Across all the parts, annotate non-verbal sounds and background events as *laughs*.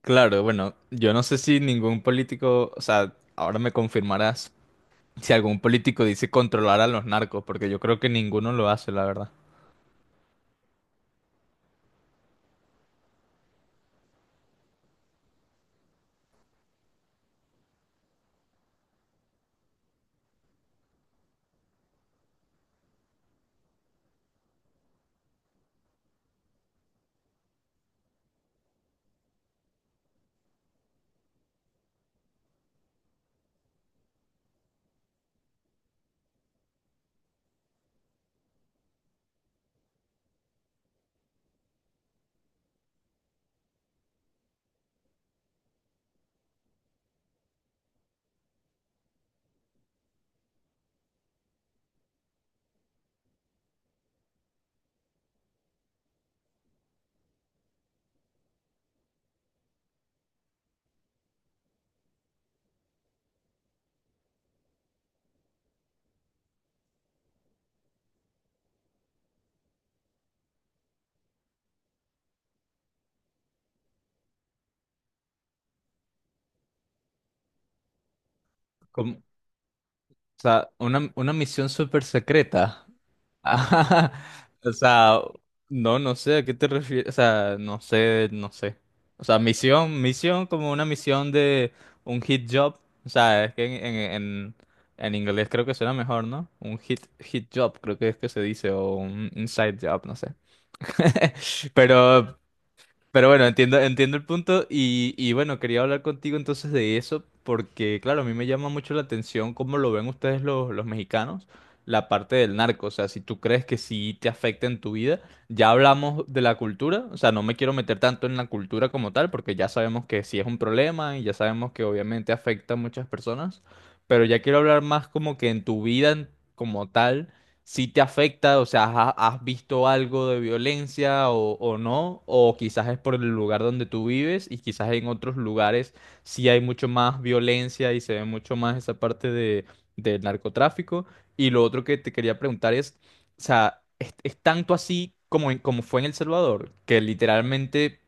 Claro, bueno, yo no sé si ningún político, o sea, ahora me confirmarás si algún político dice controlar a los narcos, porque yo creo que ninguno lo hace, la verdad. Como- o sea, una misión súper secreta. *laughs* Ajá. O sea, no, no sé, ¿a qué te refieres? O sea, no sé, no sé. O sea, misión, misión como una misión de un hit job. O sea, es que en inglés creo que suena mejor, ¿no? Un hit job, creo que es que se dice, o un inside job, no sé. *laughs* Pero, pero bueno, entiendo, entiendo el punto y bueno, quería hablar contigo entonces de eso porque, claro, a mí me llama mucho la atención cómo lo ven ustedes los mexicanos, la parte del narco, o sea, si tú crees que sí te afecta en tu vida, ya hablamos de la cultura, o sea, no me quiero meter tanto en la cultura como tal porque ya sabemos que sí es un problema y ya sabemos que obviamente afecta a muchas personas, pero ya quiero hablar más como que en tu vida en- como tal si te afecta, o sea, ¿ha- ¿has visto algo de violencia o no? O quizás es por el lugar donde tú vives y quizás en otros lugares sí hay mucho más violencia y se ve mucho más esa parte de, del narcotráfico. Y lo otro que te quería preguntar es, o sea, es tanto así como, en- como fue en El Salvador? Que literalmente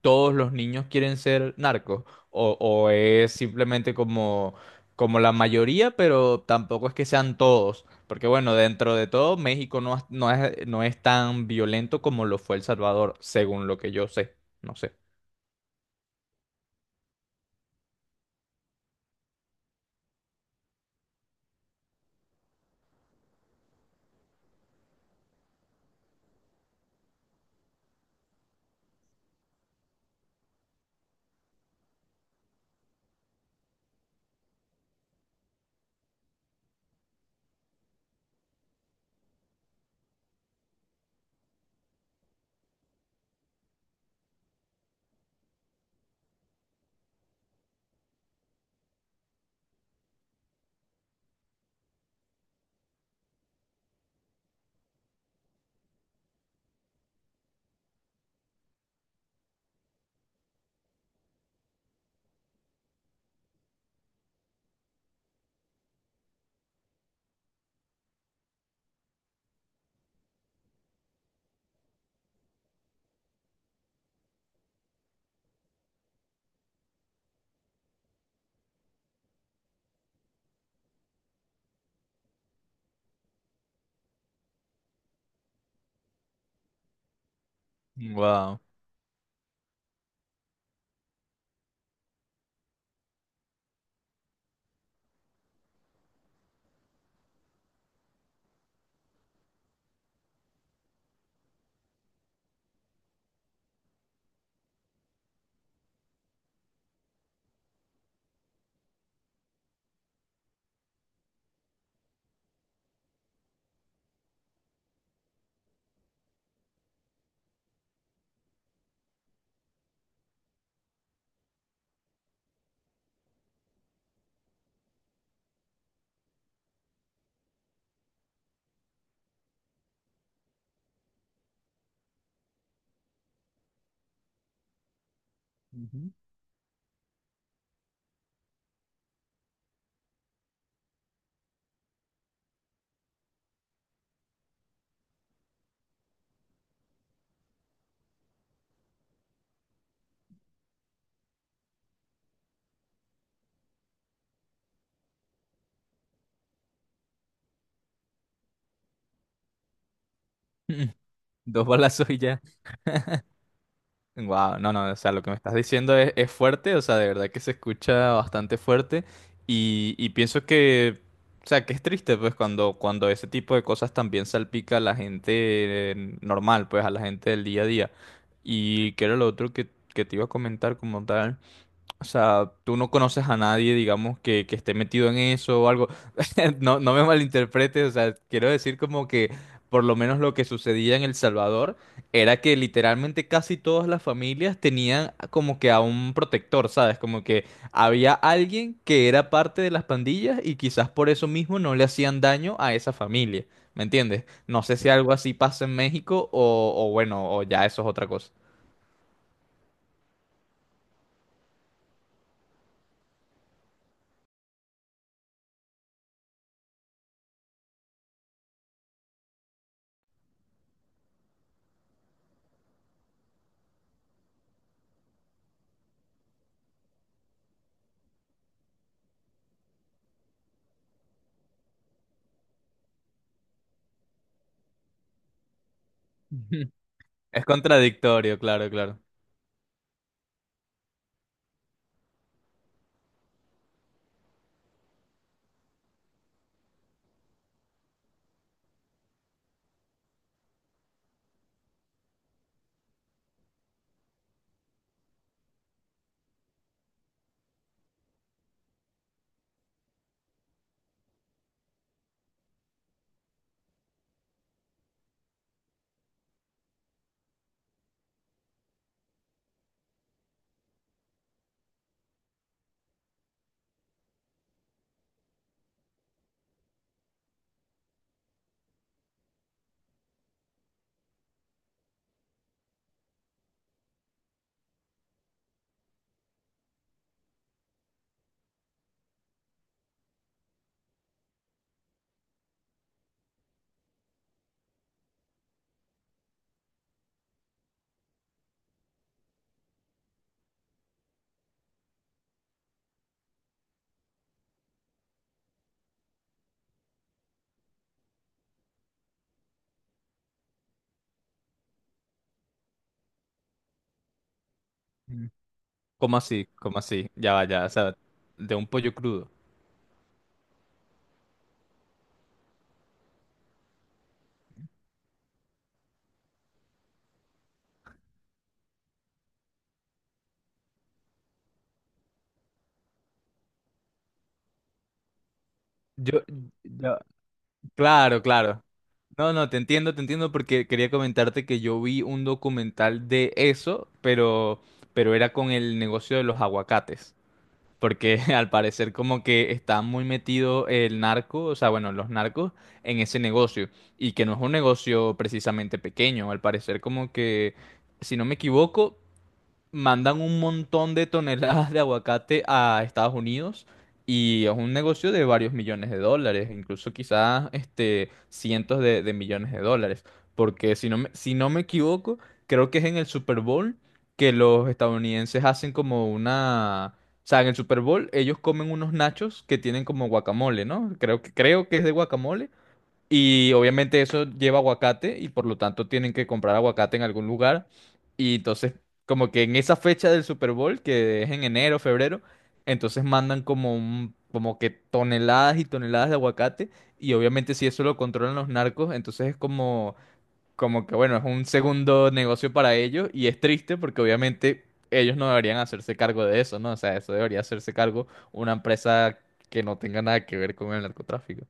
todos los niños quieren ser narcos o es simplemente como, como la mayoría, pero tampoco es que sean todos, porque bueno, dentro de todo México no, es- no es, no es tan violento como lo fue El Salvador, según lo que yo sé, no sé. Wow. Ujú. *laughs* Dos balazos y ya. Wow, no, no, o sea, lo que me estás diciendo es fuerte, o sea, de verdad que se escucha bastante fuerte y pienso que, o sea, que es triste, pues, cuando, cuando ese tipo de cosas también salpica a la gente normal, pues, a la gente del día a día. Y que era lo otro que te iba a comentar como tal. O sea, tú no conoces a nadie, digamos, que esté metido en eso o algo. *laughs* No, no me malinterpretes, o sea, quiero decir como que por lo menos lo que sucedía en El Salvador era que literalmente casi todas las familias tenían como que a un protector, ¿sabes? Como que había alguien que era parte de las pandillas y quizás por eso mismo no le hacían daño a esa familia, ¿me entiendes? No sé si algo así pasa en México o bueno, o ya eso es otra cosa. *laughs* Es contradictorio, claro, claro. ¿Cómo así? ¿Cómo así? Ya va, ya, o sea, de un pollo crudo. Yo, ya, claro, claro. No, no, te entiendo porque quería comentarte que yo vi un documental de eso, pero era con el negocio de los aguacates. Porque *laughs* al parecer como que está muy metido el narco, o sea, bueno, los narcos en ese negocio. Y que no es un negocio precisamente pequeño, al parecer como que, si no me equivoco, mandan un montón de toneladas de aguacate a Estados Unidos y es un negocio de varios millones de dólares, incluso quizás cientos de millones de dólares, porque si no me, si no me equivoco, creo que es en el Super Bowl que los estadounidenses hacen como una... O sea, en el Super Bowl ellos comen unos nachos que tienen como guacamole, ¿no? Creo que es de guacamole y obviamente eso lleva aguacate y por lo tanto tienen que comprar aguacate en algún lugar. Y entonces, como que en esa fecha del Super Bowl, que es en enero, febrero, entonces mandan como un, como que toneladas y toneladas de aguacate. Y obviamente si eso lo controlan los narcos, entonces es como, como que bueno, es un segundo negocio para ellos. Y es triste porque obviamente ellos no deberían hacerse cargo de eso, ¿no? O sea, eso debería hacerse cargo una empresa que no tenga nada que ver con el narcotráfico.